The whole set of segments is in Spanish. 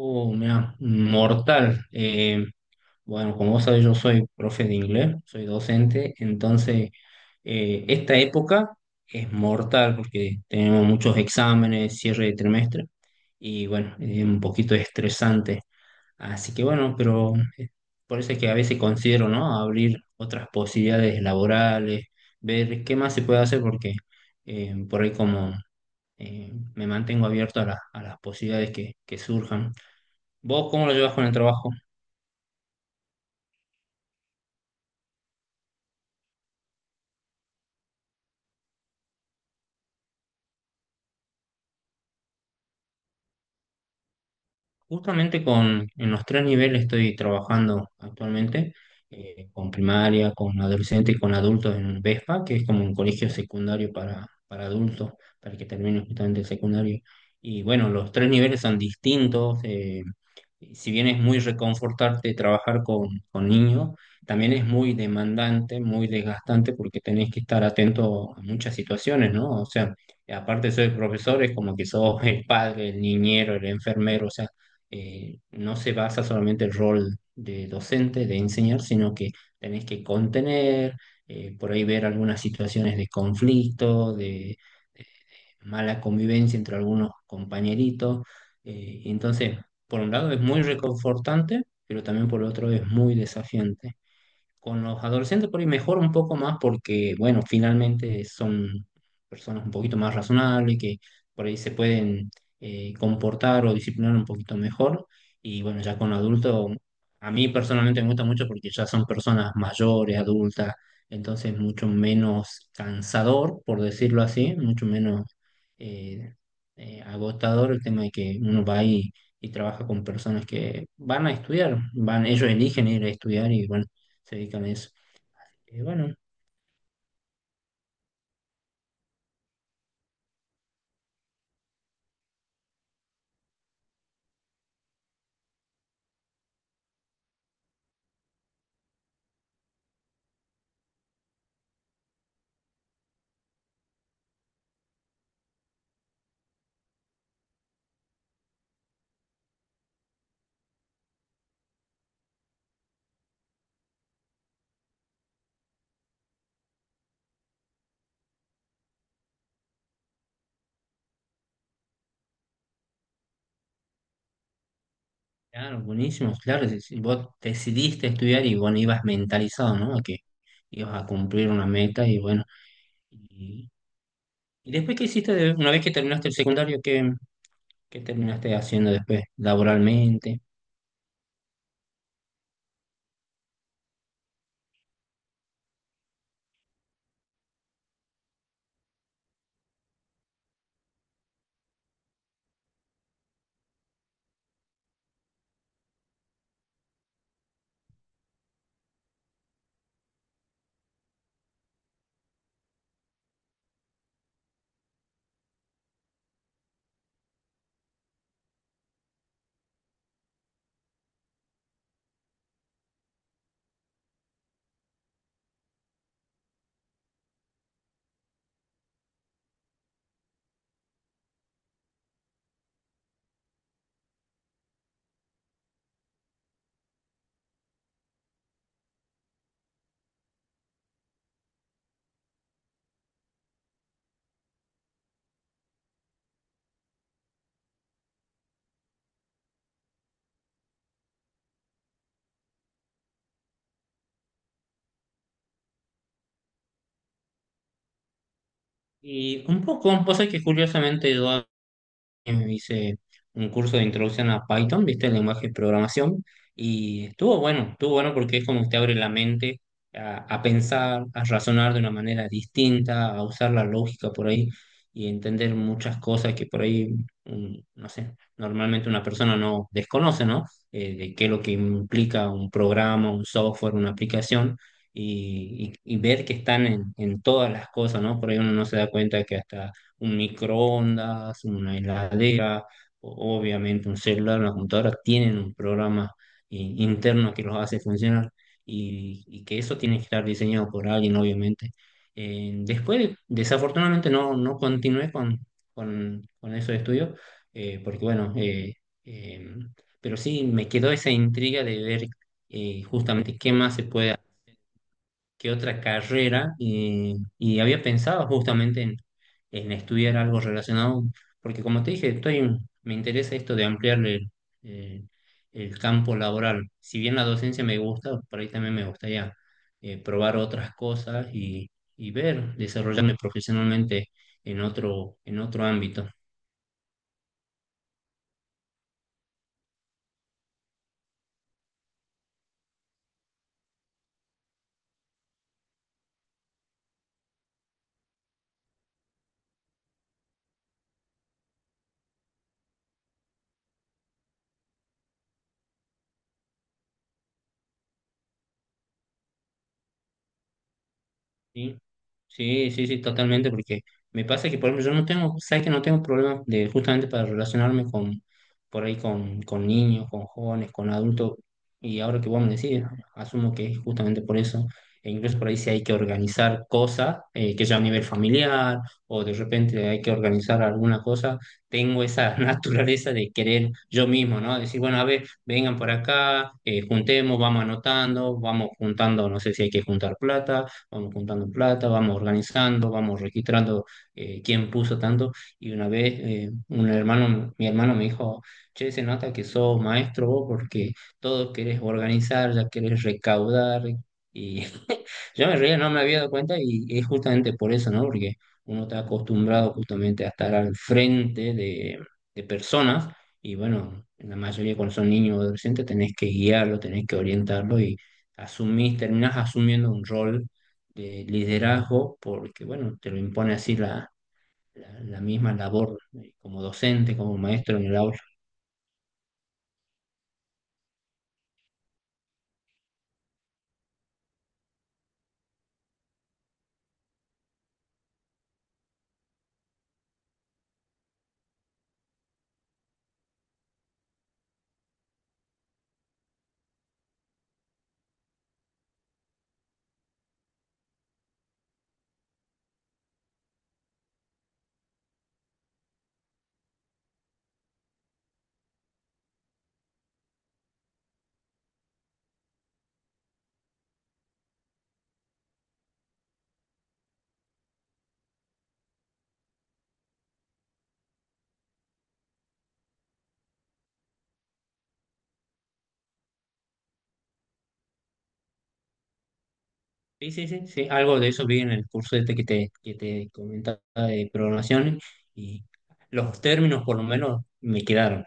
Oh, mira, mortal. Bueno, como vos sabés, yo soy profe de inglés, soy docente, entonces esta época es mortal porque tenemos muchos exámenes, cierre de trimestre y bueno, es un poquito estresante. Así que bueno, pero eh, por eso es que a veces considero, ¿no? Abrir otras posibilidades laborales, ver qué más se puede hacer porque por ahí como me mantengo abierto a, a las posibilidades que surjan. ¿Vos cómo lo llevas con el trabajo? Justamente con, en los tres niveles estoy trabajando actualmente, con primaria, con adolescente y con adultos en VESPA, que es como un colegio secundario para adultos, para que terminen justamente el secundario. Y bueno, los tres niveles son distintos, si bien es muy reconfortarte trabajar con niños, también es muy demandante, muy desgastante, porque tenés que estar atento a muchas situaciones, ¿no? O sea, aparte de ser profesor, es como que sos el padre, el niñero, el enfermero, o sea no se basa solamente el rol de docente, de enseñar, sino que tenés que contener, por ahí ver algunas situaciones de conflicto, de mala convivencia entre algunos compañeritos. Entonces, por un lado es muy reconfortante, pero también por otro es muy desafiante. Con los adolescentes por ahí mejor un poco más porque, bueno, finalmente son personas un poquito más razonables que por ahí se pueden comportar o disciplinar un poquito mejor. Y bueno, ya con adultos, a mí personalmente me gusta mucho porque ya son personas mayores, adultas, entonces mucho menos cansador, por decirlo así, mucho menos eh, agotador el tema de que uno va ahí y trabaja con personas que van a estudiar, van, ellos eligen ir a estudiar y bueno se dedican a eso. Y bueno, claro, buenísimo, claro, si, si vos decidiste estudiar y bueno, ibas mentalizado, ¿no? A que ibas a cumplir una meta y bueno. ¿Y, y después qué hiciste, una vez que terminaste el secundario, qué, qué terminaste haciendo después laboralmente? Y un poco, vos sabés que curiosamente yo hice un curso de introducción a Python, ¿viste? El lenguaje de programación. Y estuvo bueno porque es como que te abre la mente a pensar, a razonar de una manera distinta, a usar la lógica por ahí y entender muchas cosas que por ahí, mm, no sé, normalmente una persona no desconoce, ¿no? De qué es lo que implica un programa, un software, una aplicación. Y, y ver que están en todas las cosas, ¿no? Por ahí uno no se da cuenta que hasta un microondas, una heladera, obviamente un celular, una computadora, tienen un programa interno que los hace funcionar y que eso tiene que estar diseñado por alguien, obviamente. Después, desafortunadamente, no, no continué con esos estudios, porque bueno, eh, pero sí me quedó esa intriga de ver justamente qué más se puede qué otra carrera y había pensado justamente en estudiar algo relacionado, porque como te dije, estoy, me interesa esto de ampliar eh, el campo laboral. Si bien la docencia me gusta, por ahí también me gustaría probar otras cosas y ver, desarrollarme profesionalmente en otro ámbito. Sí, sí, sí, sí, totalmente, porque me pasa que, por ejemplo, yo no tengo, sabes que no tengo problemas de justamente para relacionarme con, por ahí con niños, con jóvenes, con adultos, y ahora que vos me decís, asumo que es justamente por eso, e incluso por ahí si hay que organizar cosas, que ya a nivel familiar, o de repente hay que organizar alguna cosa, tengo esa naturaleza de querer yo mismo, ¿no? Decir, bueno, a ver, vengan por acá, juntemos, vamos anotando, vamos juntando, no sé si hay que juntar plata vamos juntando plata, vamos organizando, vamos registrando quién puso tanto. Y una vez un hermano, mi hermano me dijo, che, se nota que sos maestro vos porque todo querés organizar, ya querés recaudar. Y yo me reía, no me había dado cuenta y es justamente por eso, ¿no? Porque uno está acostumbrado justamente a estar al frente de personas y bueno, en la mayoría cuando son niños o adolescentes tenés que guiarlo, tenés que orientarlo y asumís, terminás asumiendo un rol de liderazgo, porque bueno, te lo impone así la, la misma labor como docente, como maestro en el aula. Sí, sí, sí, sí, algo de eso vi en el curso este que te comentaba de programación y los términos por lo menos me quedaron.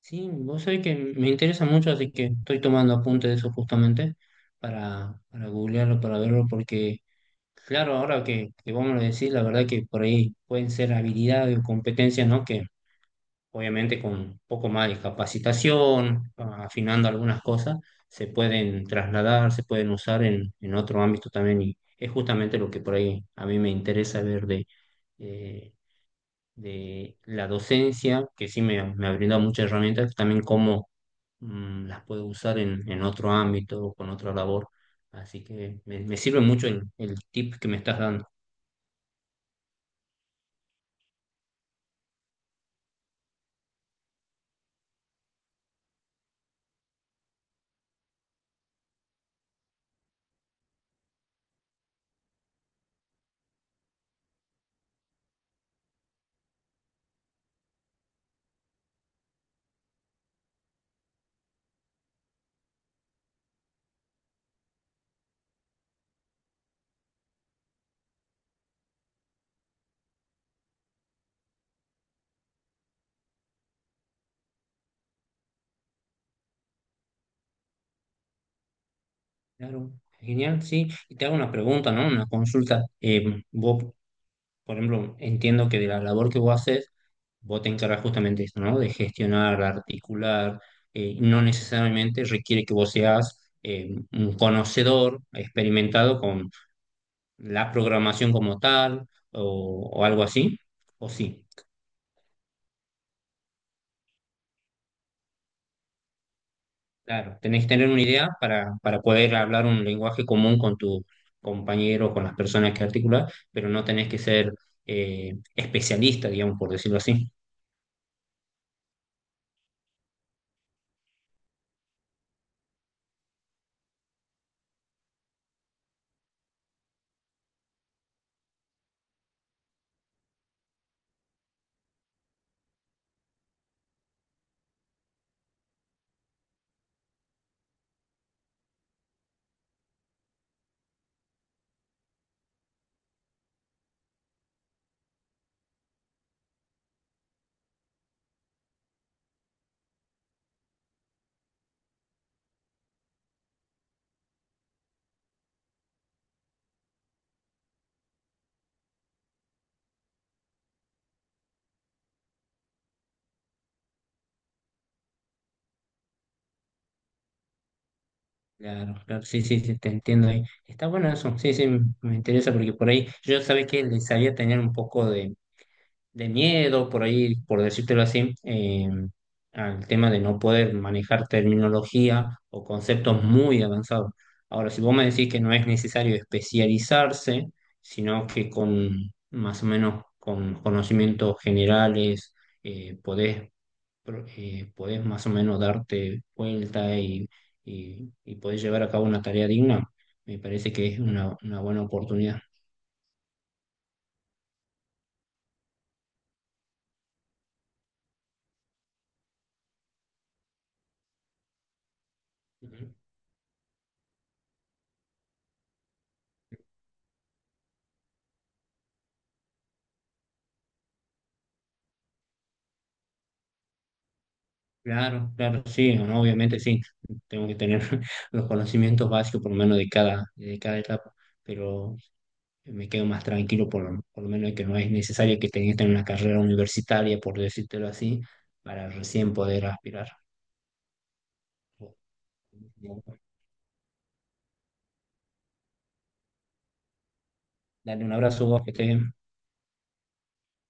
Sí, vos sabés que me interesa mucho, así que estoy tomando apunte de eso justamente para googlearlo, para verlo, porque claro, ahora que vos me lo decís, la verdad que por ahí pueden ser habilidades o competencias, ¿no? Que obviamente con un poco más de capacitación, afinando algunas cosas, se pueden trasladar, se pueden usar en otro ámbito también y es justamente lo que por ahí a mí me interesa ver eh, de la docencia, que sí me ha brindado muchas herramientas, también cómo mm, las puedo usar en otro ámbito, con otra labor. Así que me sirve mucho el tip que me estás dando. Claro, genial, sí. Y te hago una pregunta, ¿no? Una consulta. Vos por ejemplo, entiendo que de la labor que vos haces, vos te encargas justamente de eso, ¿no? De gestionar, articular, no necesariamente requiere que vos seas un conocedor experimentado con la programación como tal o algo así, o sí. Claro, tenés que tener una idea para poder hablar un lenguaje común con tu compañero, con las personas que articulas, pero no tenés que ser especialista, digamos, por decirlo así. Claro, claro, sí, sí, sí, te entiendo ahí. Está bueno eso, sí, sí, me interesa porque por ahí yo sabía que le sabía tener un poco de miedo, por ahí, por decírtelo así, al tema de no poder manejar terminología o conceptos muy avanzados. Ahora, si vos me decís que no es necesario especializarse, sino que con más o menos con conocimientos generales podés podés más o menos darte vuelta y podés llevar a cabo una tarea digna, me parece que es una buena oportunidad. Ujú. Claro, claro, sí, no, obviamente sí, tengo que tener los conocimientos básicos por lo menos de cada etapa, pero me quedo más tranquilo por, por lo menos de que no es necesario que tengas que tener una carrera universitaria, por decírtelo así, para recién poder aspirar. Dale un abrazo, vos, que estés bien.